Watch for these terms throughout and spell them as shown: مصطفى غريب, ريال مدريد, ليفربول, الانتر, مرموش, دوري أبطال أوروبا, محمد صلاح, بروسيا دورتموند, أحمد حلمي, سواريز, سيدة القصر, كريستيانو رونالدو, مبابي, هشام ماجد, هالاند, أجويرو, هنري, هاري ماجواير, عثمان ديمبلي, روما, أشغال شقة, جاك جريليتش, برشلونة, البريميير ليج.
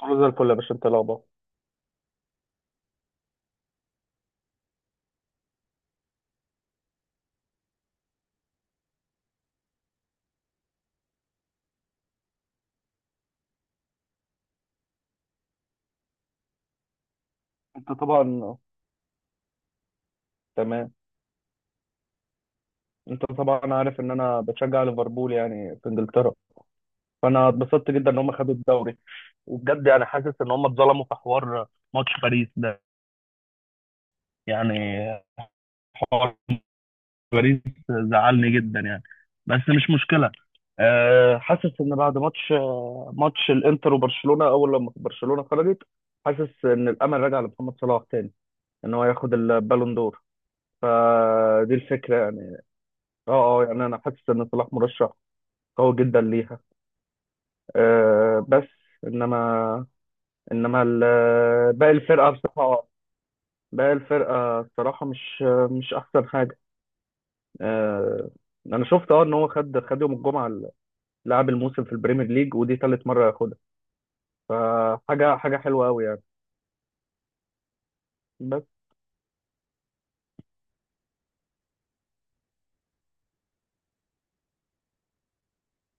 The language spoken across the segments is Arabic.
كله زي الفل يا باشا، انت إيه الاخبار؟ انت طبعا. تمام. انت طبعا عارف ان انا بشجع ليفربول يعني في انجلترا. فانا اتبسطت جدا ان هم خدوا الدوري. وبجد يعني حاسس ان هم اتظلموا في حوار ماتش باريس ده. يعني حوار باريس زعلني جدا يعني، بس مش مشكله. أه، حاسس ان بعد ماتش الانتر وبرشلونه، اول لما برشلونه خرجت، حاسس ان الامل رجع لمحمد صلاح تاني، ان هو ياخد البالون دور. فدي الفكره يعني. اه. اه يعني انا حاسس ان صلاح مرشح قوي جدا ليها. أه، بس. انما انما باقي الفرقه بصراحه، باقي الفرقه الصراحه مش احسن حاجه. أه. انا شفت ان هو خد يوم الجمعه لاعب الموسم في البريمير ليج، ودي ثالث مره ياخدها. فحاجه حلوه قوي يعني. بس.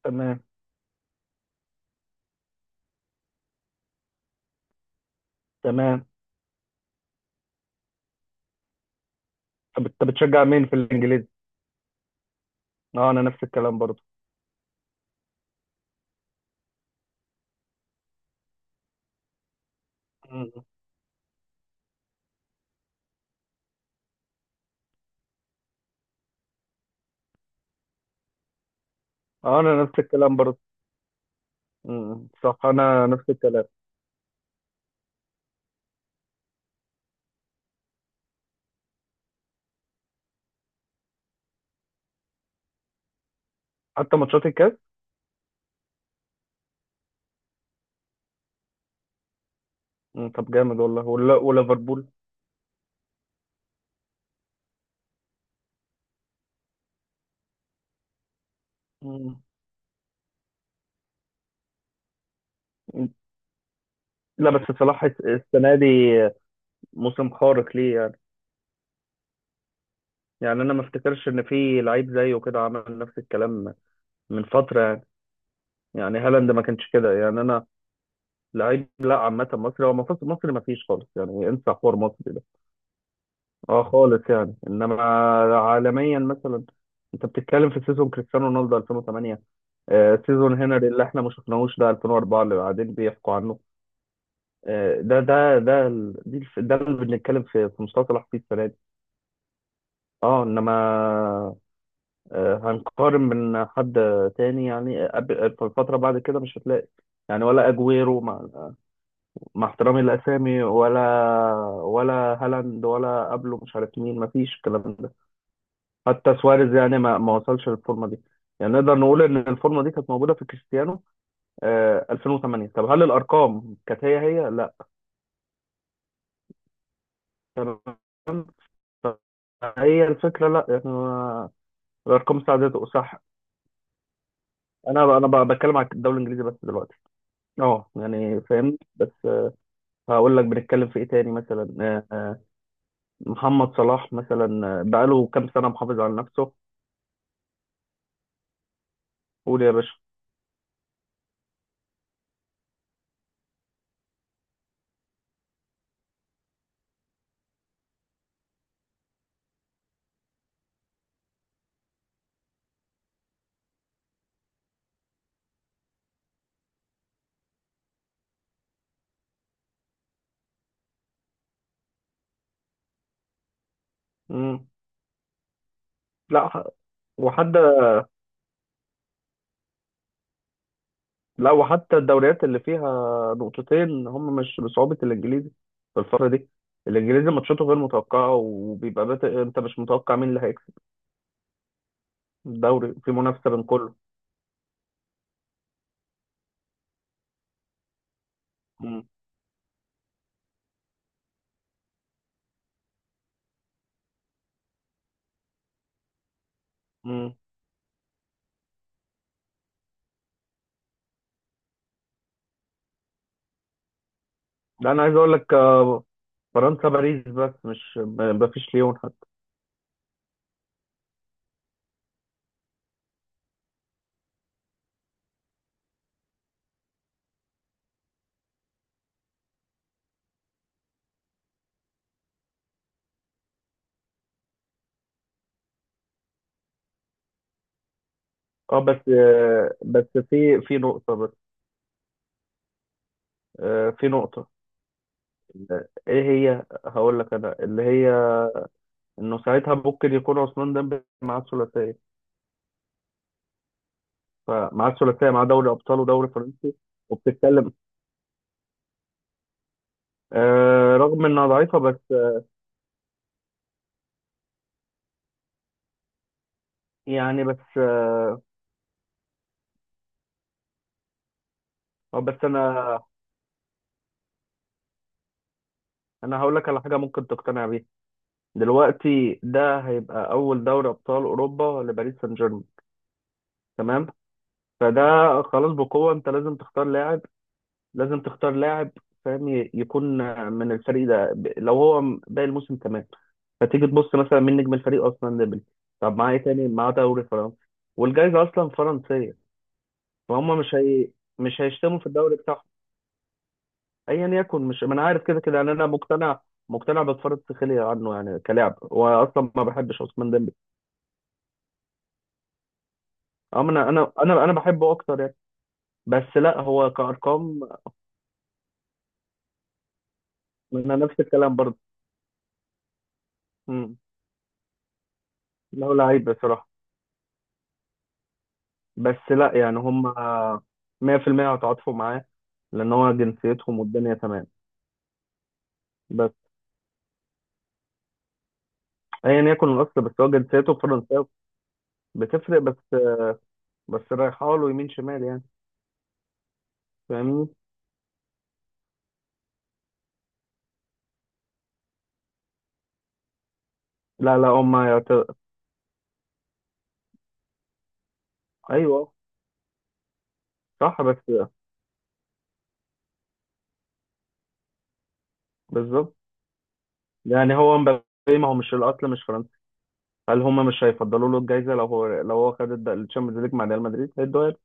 تمام. تمام. طب انت بتشجع مين في الانجليزي؟ اه، انا نفس الكلام برضه. مم. اه، انا نفس الكلام برضه. مم. صح، انا نفس الكلام. حتى ماتشات الكاس. مم، طب جامد والله. وليفربول. مم. لا، بس صلاح السنه دي موسم خارق ليه يعني. يعني انا ما افتكرش ان في لعيب زيه كده عمل نفس الكلام من فتره يعني. يعني هالاند ما كانش كده يعني انا. لعيب لا، عامه مصري، هو مصري ما فيش خالص يعني، انسى حوار مصري ده. اه خالص يعني، انما عالميا مثلا انت بتتكلم في سيزون كريستيانو رونالدو 2008. سيزون هنري اللي احنا ما شفناهوش ده 2004 اللي قاعدين بيحكوا عنه. آه، ده ده ده ال- دي الف- ده اللي بنتكلم في مستوى فيه السنه دي. اه، انما هنقارن من حد تاني يعني، في الفتره بعد كده مش هتلاقي. يعني ولا اجويرو مع احترامي لاسامي، ولا هالاند ولا قبله، مش عارف مين، مفيش الكلام ده. حتى سواريز يعني ما وصلش للفورمه دي. يعني نقدر نقول ان الفورمه دي كانت موجوده في كريستيانو 2008. طب هل الارقام كانت هي هي؟ لا. تمام، فهي الفكره. لا احنا الارقام ساعدته، صح. بتكلم على الدوري الانجليزي بس دلوقتي. اه يعني فاهمني. بس هقول لك بنتكلم في ايه تاني مثلا، محمد صلاح مثلا، بقاله كام سنه محافظ على نفسه. قول يا باشا. مم. لا ح- وحتى. لا وحتى الدوريات اللي فيها نقطتين هم مش بصعوبه الانجليزي في الفتره دي. الانجليزي ماتشاته غير متوقعه، وبيبقى انت مش متوقع مين اللي هيكسب. الدوري في منافسه بين كله. مم. مم. ده انا عايز اقول لك، فرنسا باريس بس، مش ما فيش ليون حتى. اه بس، بس في نقطة. بس في نقطة. ايه هي؟ هقول لك انا اللي هي، انه ساعتها ممكن يكون عثمان ديمبلي معاه الثلاثية. فمعاه الثلاثية، معاه دوري ابطال ودوري فرنسي، وبتتكلم. رغم انها ضعيفة، بس يعني بس. بس انا هقول لك على حاجة ممكن تقتنع بيها. دلوقتي ده هيبقى اول دوري ابطال اوروبا لباريس سان جيرمان. تمام. فده خلاص، بقوة انت لازم تختار لاعب. لازم تختار لاعب فاهم يكون من الفريق ده، لو هو باقي الموسم تمام. فتيجي تبص مثلا مين نجم الفريق اصلا؟ ديمبلي. طب معاه ايه تاني؟ معاه دوري فرنسي، والجايزة اصلا فرنسية. فهم مش هي... مش هيشتموا في الدوري بتاعهم. ايا يكن، مش ما انا عارف، كده كده يعني انا مقتنع، مقتنع. بتفرج سخيلي عنه يعني كلاعب، واصلا ما بحبش عثمان ديمبلي. اه، انا بحبه اكتر يعني. بس لا، هو كارقام. انا نفس الكلام برضه. لا، هو لعيب بصراحة. بس لا يعني هم 100% هتعاطفوا معاه لأن هو جنسيتهم والدنيا تمام. بس أيا يكن الأصل، بس هو جنسيته فرنساوي، بتفرق. بس رايحة له يمين شمال يعني. فاهمني؟ لا لا، هم أيوه. صح بس. بالظبط. يعني هو مبابي، ما هو مش الأصل مش فرنسي. هل هم مش هيفضلوا له الجايزة لو هو خد الشامبيونز ليج مع ريال مدريد هيدوها له.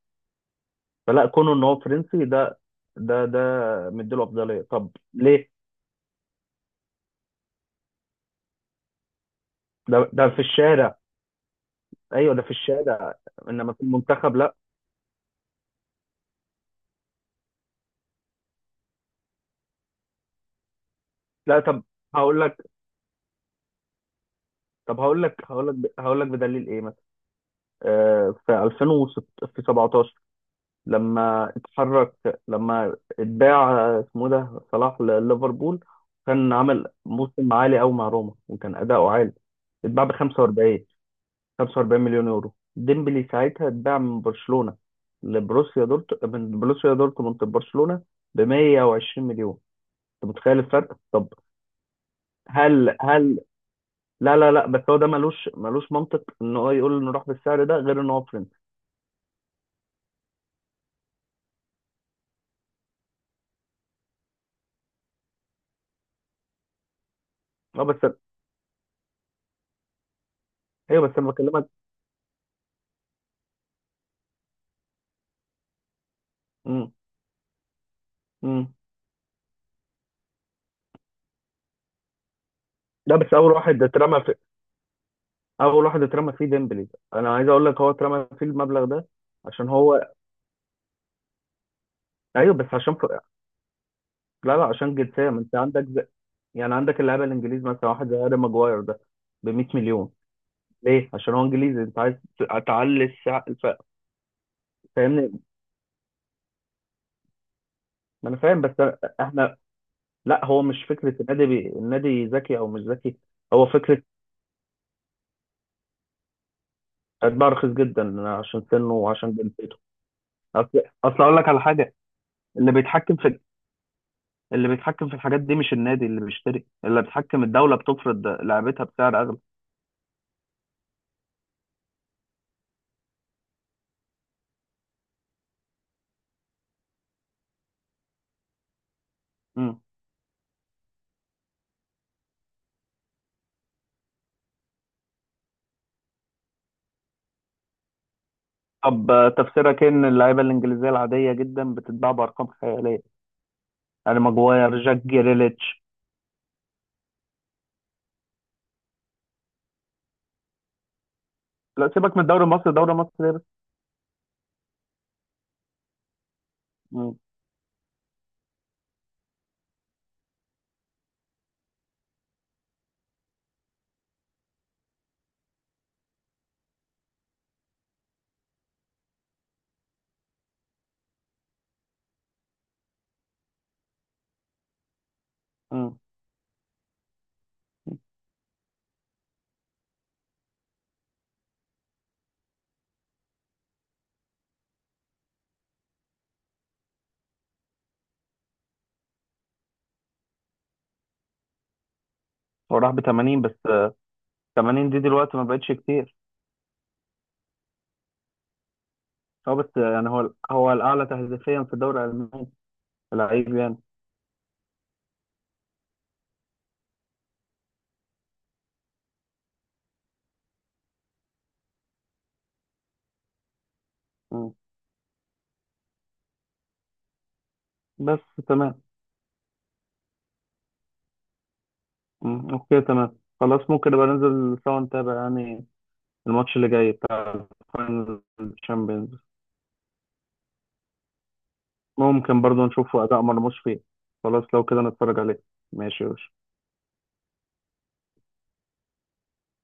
فلا، كونه إن هو فرنسي ده، ده ده مديله أفضلية، طب ليه؟ ده في الشارع. ايوه، ده في الشارع. انما في المنتخب لا. لا، طب هقول لك، طب هقول لك بدليل ايه مثلا. في 2006، في 17، لما اتحرك، لما اتباع، اسمه ده صلاح لليفربول، كان عمل موسم عالي قوي مع روما وكان اداؤه عالي. اتباع ب 45 مليون يورو. ديمبلي ساعتها اتباع من برشلونة لبروسيا دورت من بروسيا دورتموند لبرشلونة ب 120 مليون. انت متخيل الفرق؟ طب هل. لا لا لا، بس هو ده ملوش منطق ان هو يقول نروح بالسعر ده، غير ان هو فريند. اه بس. ايوه بس انا بكلمك. امم. امم. لا، بس اول واحد اترمى في، اول واحد اترمى فيه ديمبلي. انا عايز اقول لك هو اترمى فيه المبلغ ده عشان هو. ايوه بس عشان لا لا، عشان جنسيه. ما انت عندك يعني عندك اللاعب الانجليزي مثلا، واحد زي هاري ماجواير ده ب 100 مليون. ليه؟ عشان هو انجليزي، انت عايز تعلي السعر فاهمني؟ ما انا فاهم بس احنا. لا، هو مش فكره النادي النادي ذكي او مش ذكي، هو فكره هتبقى رخيص جدا عشان سنه وعشان جنسيته. اصل، اصل اقول لك على حاجه، اللي بيتحكم في، اللي بيتحكم في الحاجات دي مش النادي اللي بيشتري، اللي بيتحكم الدوله بتفرض لعبتها بسعر اغلى. مم. طب تفسيرك إيه ان اللعيبه الانجليزيه العاديه جدا بتتباع بارقام خياليه؟ يعني ماجواير، جاك جريليتش. لا سيبك من الدوري المصري، الدوري المصري بس. مم. مم. هو راح ب 80 بس، 80 دي دلوقتي ما بقتش كتير. هو بس، يعني هو الاعلى تهديفيا في الدوري الالماني، لعيب يعني. مم. بس تمام. مم، اوكي، تمام خلاص، ممكن نبقى ننزل سوا نتابع يعني الماتش اللي جاي بتاع الفاينل الشامبيونز. ممكن برضو نشوفه اداء مرموش فيه. خلاص لو كده نتفرج عليه. ماشي يا باشا.